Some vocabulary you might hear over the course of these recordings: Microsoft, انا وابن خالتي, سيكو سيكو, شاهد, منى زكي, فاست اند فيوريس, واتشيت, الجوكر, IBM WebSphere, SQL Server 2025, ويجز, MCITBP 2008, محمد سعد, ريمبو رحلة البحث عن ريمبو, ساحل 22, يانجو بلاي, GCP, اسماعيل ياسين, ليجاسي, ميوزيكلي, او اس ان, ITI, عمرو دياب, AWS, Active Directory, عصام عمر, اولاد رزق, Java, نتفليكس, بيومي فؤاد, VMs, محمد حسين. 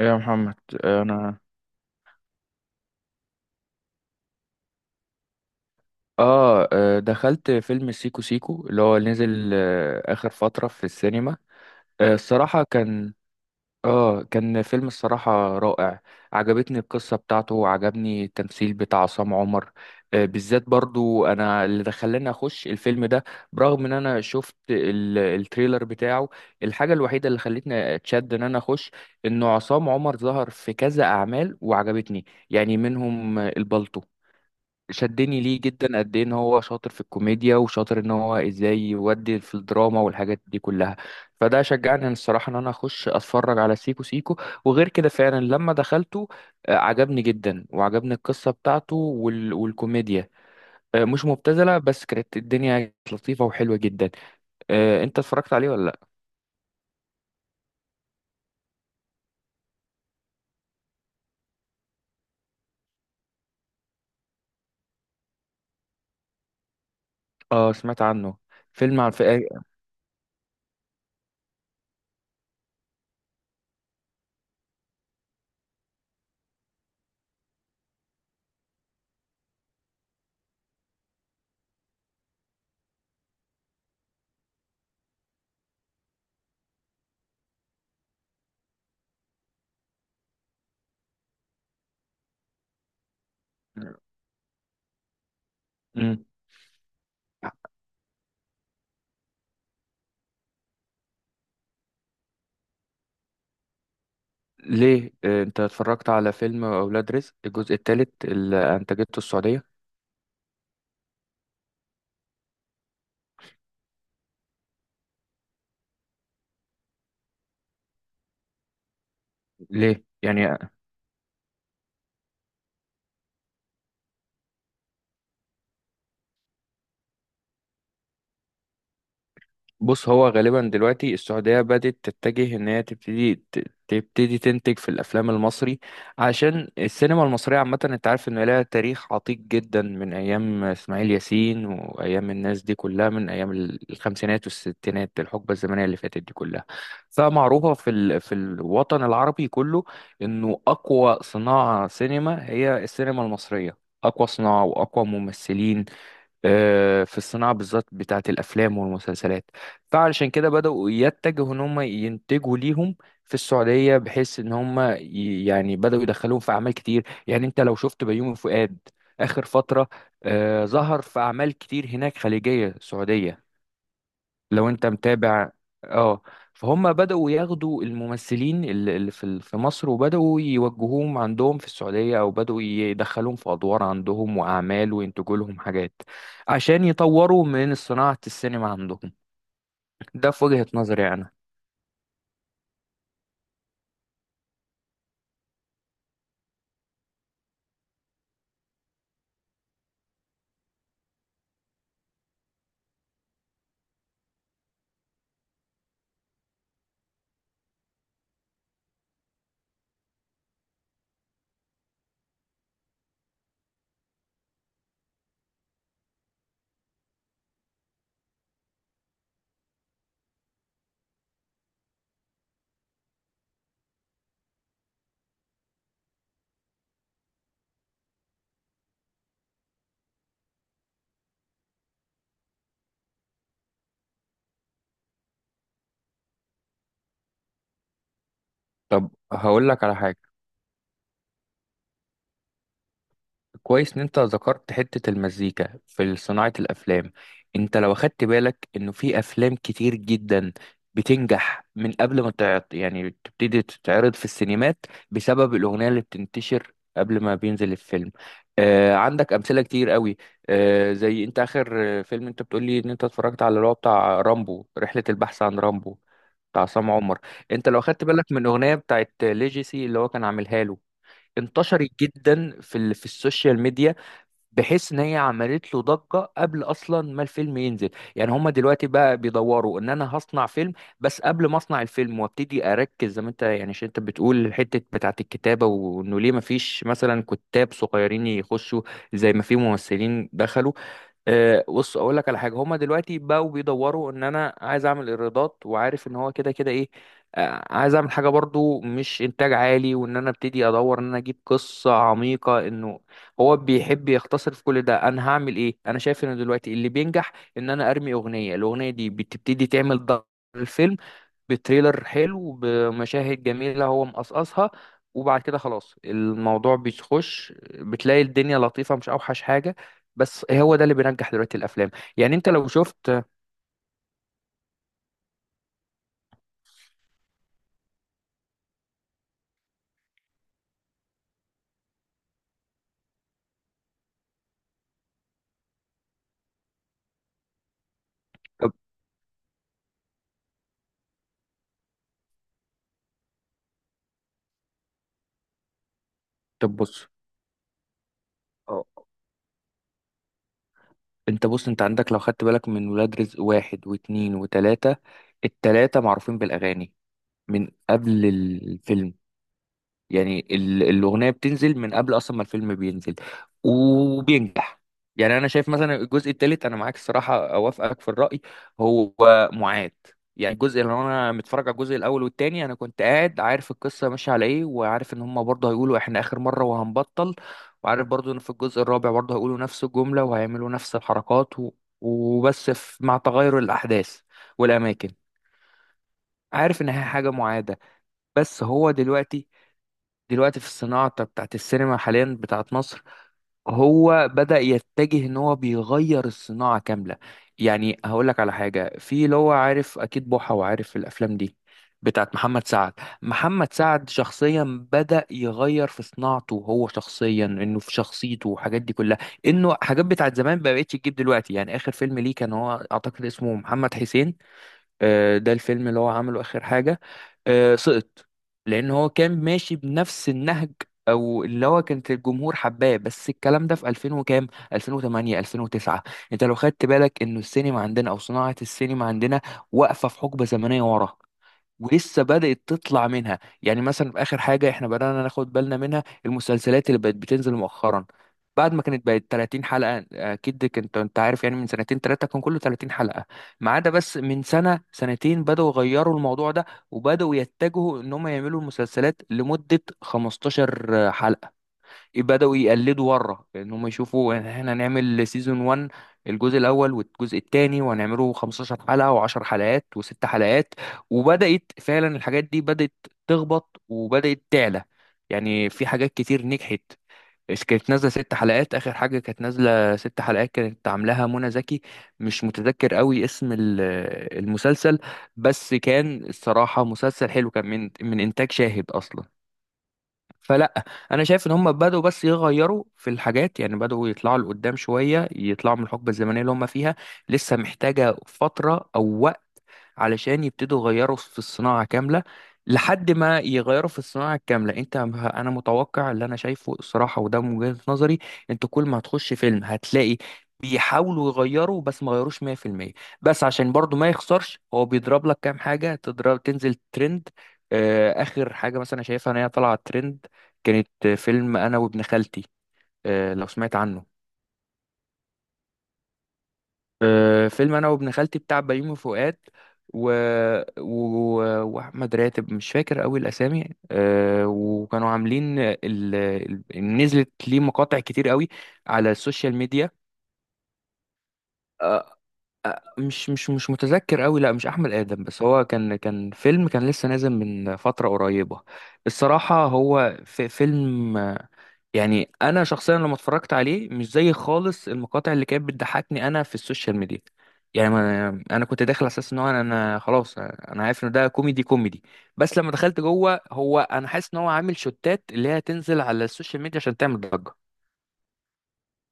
يا محمد، انا دخلت فيلم سيكو سيكو اللي هو نزل اخر فترة في السينما. الصراحة كان فيلم الصراحة رائع. عجبتني القصة بتاعته وعجبني التمثيل بتاع عصام عمر. بالذات برضو انا اللي دخلني اخش الفيلم ده، برغم ان انا شفت التريلر بتاعه. الحاجة الوحيدة اللي خلتني اتشد ان انا اخش، انه عصام عمر ظهر في كذا اعمال وعجبتني، يعني منهم البلطو. شدني ليه جدا قد ايه ان هو شاطر في الكوميديا وشاطر ان هو ازاي يودي في الدراما والحاجات دي كلها. فده شجعني أنا الصراحة ان انا اخش اتفرج على سيكو سيكو. وغير كده فعلا لما دخلته، عجبني جدا وعجبني القصة بتاعته والكوميديا. مش مبتذلة، بس كانت الدنيا لطيفة وحلوة جدا. انت اتفرجت عليه ولا لا؟ اه، سمعت عنه. فيلم عن في. مم. ليه؟ انت اتفرجت على فيلم اولاد رزق الجزء الثالث اللي انتجته السعودية؟ ليه يعني؟ بص، هو غالبا دلوقتي السعودية بدأت تتجه ان هي تبتدي تبتدي تنتج في الافلام المصري، عشان السينما المصرية عامة انت عارف ان لها تاريخ عتيق جدا من ايام اسماعيل ياسين وايام الناس دي كلها من ايام الخمسينات والستينات، الحقبة الزمنية اللي فاتت دي كلها. فمعروفة في الوطن العربي كله انه اقوى صناعة سينما هي السينما المصرية، اقوى صناعة واقوى ممثلين، في الصناعة بالذات بتاعة الأفلام والمسلسلات. فعلشان كده بدأوا يتجهوا إن هم ينتجوا ليهم في السعودية، بحيث إن هم يعني بدأوا يدخلوهم في أعمال كتير. يعني أنت لو شفت بيومي فؤاد آخر فترة، ظهر في أعمال كتير هناك خليجية سعودية، لو انت متابع. اه. فهم بدأوا ياخدوا الممثلين اللي في مصر، وبدأوا يوجهوهم عندهم في السعودية او بدأوا يدخلوهم في ادوار عندهم واعمال وينتجوا لهم حاجات عشان يطوروا من صناعة السينما عندهم. ده في وجهة نظري انا. طب هقول لك على حاجة، كويس ان انت ذكرت حتة المزيكا في صناعة الافلام. انت لو اخدت بالك انه في افلام كتير جدا بتنجح من قبل ما تعرض، يعني تبتدي تتعرض في السينمات بسبب الاغنية اللي بتنتشر قبل ما بينزل الفيلم. عندك امثلة كتير قوي. آه زي انت اخر آه، فيلم انت بتقولي ان انت اتفرجت على اللي هو بتاع رامبو، رحلة البحث عن رامبو، بتاع عصام عمر. انت لو اخدت بالك من اغنية بتاعت ليجيسي اللي هو كان عاملها له، انتشرت جدا في السوشيال ميديا، بحيث ان هي عملت له ضجه قبل اصلا ما الفيلم ينزل. يعني هما دلوقتي بقى بيدوروا ان انا هصنع فيلم، بس قبل ما اصنع الفيلم وابتدي اركز زي ما انت يعني، عشان انت بتقول الحته بتاعه الكتابه وانه ليه ما فيش مثلا كتاب صغيرين يخشوا زي ما في ممثلين دخلوا. بص اقول لك على حاجه، هما دلوقتي بقوا بيدوروا ان انا عايز اعمل ايرادات وعارف ان هو كده كده ايه، عايز اعمل حاجه برضو مش انتاج عالي، وان انا ابتدي ادور ان انا اجيب قصه عميقه. انه هو بيحب يختصر في كل ده. انا هعمل ايه؟ انا شايف ان دلوقتي اللي بينجح ان انا ارمي اغنيه، الاغنيه دي بتبتدي تعمل ضجه في الفيلم، بتريلر حلو بمشاهد جميلة هو مقصقصها، وبعد كده خلاص الموضوع بيخش، بتلاقي الدنيا لطيفة، مش أوحش حاجة. بس هو ده اللي بينجح دلوقتي الأفلام. يعني أنت لو شفت. طب. طب بص. اه. أنت بص، أنت عندك لو خدت بالك من ولاد رزق واحد واتنين وتلاتة، التلاتة معروفين بالأغاني من قبل الفيلم، يعني الأغنية بتنزل من قبل أصلا ما الفيلم بينزل، وبينجح. يعني أنا شايف مثلا الجزء التالت، أنا معاك الصراحة، أوافقك في الرأي، هو معاد. يعني الجزء اللي أنا متفرج على الجزء الأول والتاني أنا كنت قاعد عارف القصة ماشية على إيه، وعارف إن هما برضه هيقولوا إحنا آخر مرة وهنبطل، وعارف برضه إن في الجزء الرابع برضه هيقولوا نفس الجملة وهيعملوا نفس الحركات وبس مع تغير الأحداث والأماكن. عارف إن هي حاجة معادة. بس هو دلوقتي في الصناعة بتاعت السينما حاليا بتاعت مصر، هو بدأ يتجه ان هو بيغير الصناعة كاملة. يعني هقول لك على حاجة، في اللي هو عارف اكيد بوحة وعارف الافلام دي بتاعت محمد سعد. محمد سعد شخصيا بدأ يغير في صناعته هو شخصيا، انه في شخصيته والحاجات دي كلها، انه حاجات بتاعت زمان ما بقتش تجيب دلوقتي. يعني اخر فيلم ليه كان، هو اعتقد اسمه محمد حسين، ده الفيلم اللي هو عمله آخر حاجة، سقط، لأن هو كان ماشي بنفس النهج، أو اللي هو كانت الجمهور حباه. بس الكلام ده في 2000 وكام، 2008، 2009. أنت لو خدت بالك إنه السينما عندنا أو صناعة السينما عندنا واقفة في حقبة زمنية ورا، ولسه بدأت تطلع منها. يعني مثلا في آخر حاجة احنا بدأنا ناخد بالنا منها المسلسلات اللي بقت بتنزل مؤخرا، بعد ما كانت بقت 30 حلقة. أكيد كنت أنت عارف يعني من سنتين ثلاثة كان كله 30 حلقة، ما عدا بس من سنة سنتين بدأوا يغيروا الموضوع ده، وبدأوا يتجهوا إن هم يعملوا المسلسلات لمدة 15 حلقة. بدأوا يقلدوا ورا، ان هم يشوفوا إن احنا هنعمل سيزون 1، الجزء الاول والجزء الثاني، وهنعمله 15 حلقة و10 حلقات وست حلقات. وبدأت فعلا الحاجات دي بدأت تخبط وبدأت تعلى. يعني في حاجات كتير نجحت. كانت نازلة ست حلقات، آخر حاجة كانت نازلة ست حلقات كانت عاملاها منى زكي، مش متذكر قوي اسم المسلسل، بس كان الصراحة مسلسل حلو، كان من إنتاج شاهد أصلا. فلا، انا شايف ان هم بدأوا بس يغيروا في الحاجات، يعني بدأوا يطلعوا لقدام شويه، يطلعوا من الحقبه الزمنيه اللي هم فيها، لسه محتاجه فتره او علشان يبتدوا يغيروا في الصناعة كاملة. لحد ما يغيروا في الصناعة الكاملة، انت انا متوقع اللي انا شايفه الصراحة، وده من وجهة نظري، انت كل ما هتخش فيلم هتلاقي بيحاولوا يغيروا، بس ما غيروش 100%. بس عشان برضو ما يخسرش هو بيضرب لك كام حاجة تضرب تنزل ترند. اخر حاجة مثلا شايفها ان هي طلعت ترند، كانت فيلم انا وابن خالتي. لو سمعت عنه. فيلم انا وابن خالتي بتاع بيومي فؤاد و... و... واحمد راتب، مش فاكر قوي الاسامي. أه، وكانوا عاملين نزلت ليه مقاطع كتير قوي على السوشيال ميديا. أه. مش متذكر قوي، لا مش احمد ادم، بس هو كان كان فيلم لسه نازل من فترة قريبة. الصراحة هو في فيلم، يعني انا شخصيا لما اتفرجت عليه مش زي خالص المقاطع اللي كانت بتضحكني انا في السوشيال ميديا، يعني ما- انا كنت داخل على اساس ان هو انا خلاص انا عارف ان ده كوميدي كوميدي، بس لما دخلت جوه هو انا حاسس ان هو عامل شوتات اللي هي تنزل على السوشيال ميديا عشان تعمل ضجة.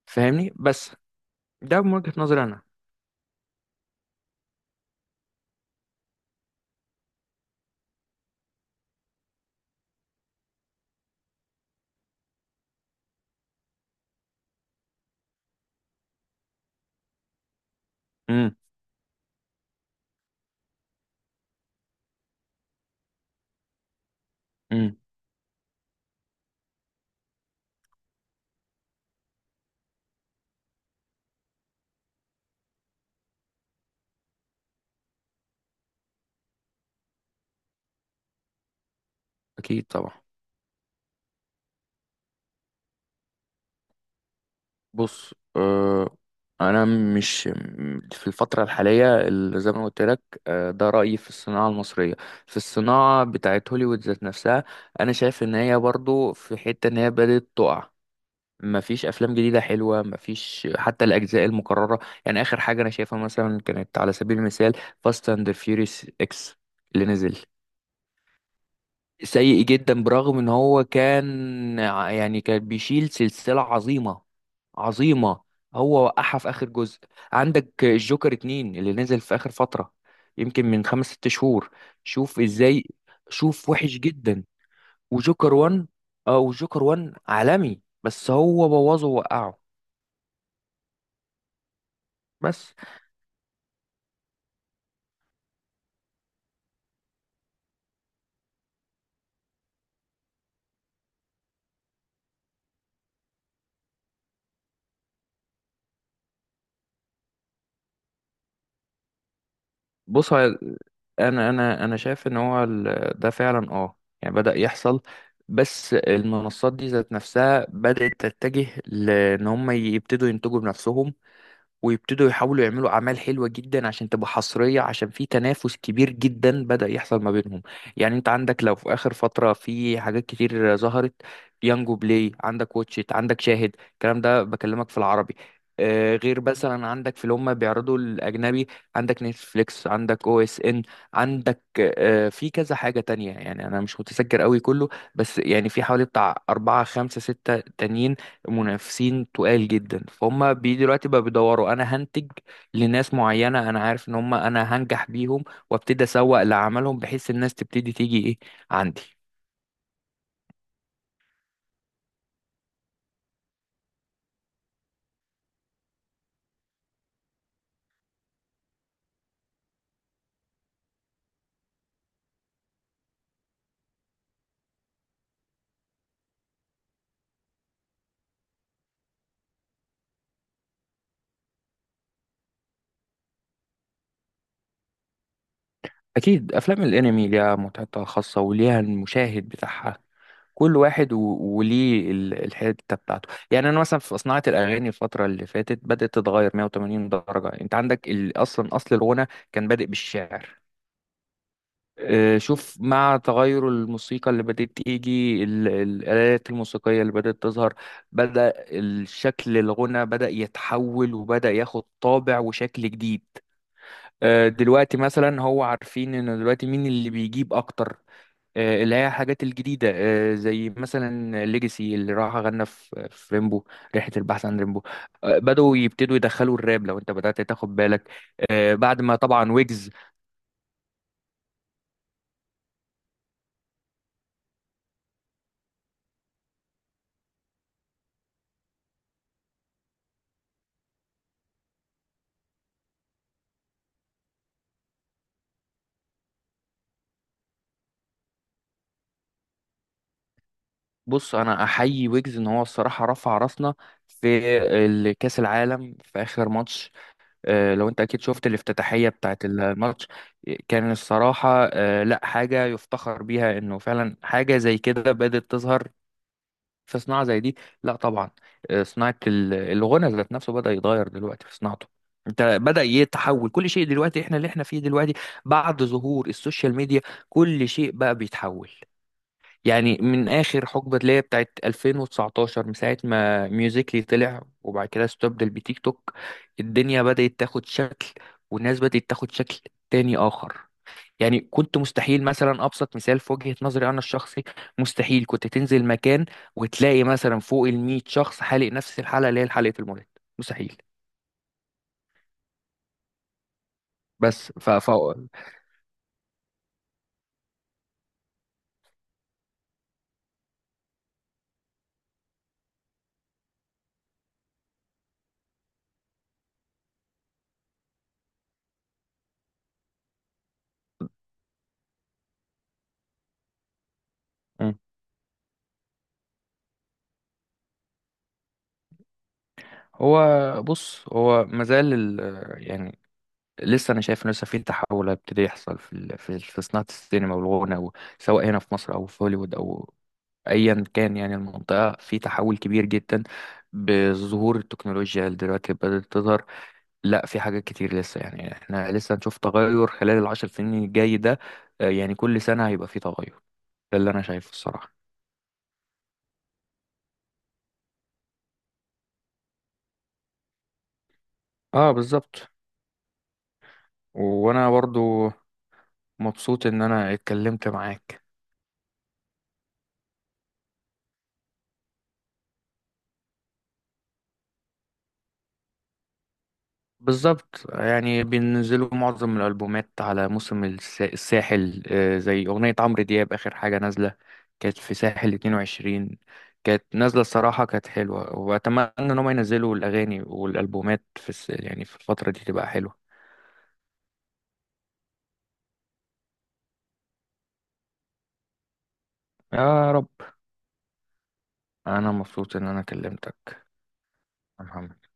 فاهمني؟ بس ده من وجهة نظري انا. امم امم اكيد طبعا. بص. آه انا مش م- في الفتره الحاليه اللي زي ما قلت لك، ده رايي في الصناعه المصريه. في الصناعه بتاعت هوليوود ذات نفسها، انا شايف ان هي برضو في حته ان هي بدات تقع. مفيش افلام جديده حلوه، مفيش حتى الاجزاء المكرره. يعني اخر حاجه انا شايفها مثلا كانت على سبيل المثال فاست اند فيوريس اكس اللي نزل، سيء جدا، برغم ان هو يعني كان بيشيل سلسلة عظيمة، هو وقعها في اخر جزء. عندك الجوكر اتنين اللي نزل في اخر فترة، يمكن من خمس ست شهور. شوف ازاي، شوف وحش جدا. وجوكر وان. اه، وجوكر وان عالمي، بس هو بوظه ووقعه. بس بص، هو انا شايف ان هو ده فعلا اه يعني بدأ يحصل، بس المنصات دي ذات نفسها بدأت تتجه لان هم يبتدوا ينتجوا بنفسهم، ويبتدوا يحاولوا يعملوا أعمال حلوة جدا عشان تبقى حصرية، عشان في تنافس كبير جدا بدأ يحصل ما بينهم. يعني انت عندك لو في آخر فترة في حاجات كتير ظهرت، يانجو بلاي عندك، واتشيت عندك، شاهد، الكلام ده بكلمك في العربي، غير مثلا عندك في اللي هم بيعرضوا الاجنبي، عندك نتفليكس، عندك او اس ان، عندك في كذا حاجه تانية. يعني انا مش متذكر قوي كله، بس يعني في حوالي بتاع اربعه خمسه سته تانيين، منافسين تقال جدا. فهم بي دلوقتي بقى بيدوروا، انا هنتج لناس معينه انا عارف ان هم انا هنجح بيهم، وابتدي اسوق لعملهم بحيث الناس تبتدي تيجي ايه عندي. اكيد افلام الانمي ليها متعتها الخاصه وليها المشاهد بتاعها. كل واحد وليه الحته بتاعته. يعني انا مثلا في صناعه الاغاني الفتره اللي فاتت بدات تتغير 180 درجه. انت عندك اصلا اصل الغنى كان بادئ بالشعر. شوف، مع تغير الموسيقى اللي بدأت تيجي الآلات الموسيقية اللي بدأت تظهر، بدأ الشكل الغنى بدأ يتحول وبدأ ياخد طابع وشكل جديد. دلوقتي مثلا هو عارفين ان دلوقتي مين اللي بيجيب اكتر، اللي هي الحاجات الجديدة، زي مثلا ليجاسي اللي راح غنى في ريمبو، رحلة البحث عن ريمبو. بدأوا يبتدوا يدخلوا الراب لو انت بدأت تاخد بالك، بعد ما طبعا ويجز. بص، انا احيي ويجز ان هو الصراحه رفع راسنا في كاس العالم في اخر ماتش. لو انت اكيد شفت الافتتاحيه بتاعت الماتش، كان الصراحه لا حاجه يفتخر بيها، انه فعلا حاجه زي كده بدات تظهر في صناعه زي دي. لا طبعا. صناعه الغنى ذات نفسه بدا يتغير دلوقتي في صناعته. انت بدا يتحول كل شيء دلوقتي، احنا اللي احنا فيه دلوقتي بعد ظهور السوشيال ميديا كل شيء بقى بيتحول. يعني من اخر حقبه ليا بتاعت 2019، من ساعه ما ميوزيكلي طلع وبعد كده استبدل بتيك توك، الدنيا بدات تاخد شكل، والناس بدات تاخد شكل تاني اخر. يعني كنت مستحيل، مثلا ابسط مثال في وجهه نظري انا الشخصي، مستحيل كنت تنزل مكان وتلاقي مثلا فوق ال 100 شخص حالق نفس الحلقه اللي هي حلقه المولد. مستحيل. بس مم. هو بص، هو مازال يعني لسه انا شايف انه لسه في تحول هيبتدي يحصل في ال- في في صناعه السينما والغنى سواء هنا في مصر او في هوليوود او ايا كان. يعني المنطقه في تحول كبير جدا بظهور التكنولوجيا اللي دلوقتي بدات تظهر. لا، في حاجات كتير لسه. يعني احنا لسه هنشوف تغير خلال العشر سنين الجاي ده، يعني كل سنه هيبقى في تغير. ده اللي انا شايفه الصراحه. اه، بالظبط. وانا برضو مبسوط ان انا اتكلمت معاك. بالظبط، يعني بينزلوا معظم الألبومات على موسم الساحل. زي أغنية عمرو دياب آخر حاجة نازلة، كانت في ساحل 22. كانت نازلة الصراحة، كانت حلوة، وأتمنى إن هم ينزلوا الأغاني والألبومات يعني في الفترة دي تبقى حلوة. يا رب. أنا مبسوط إن أنا كلمتك يا محمد.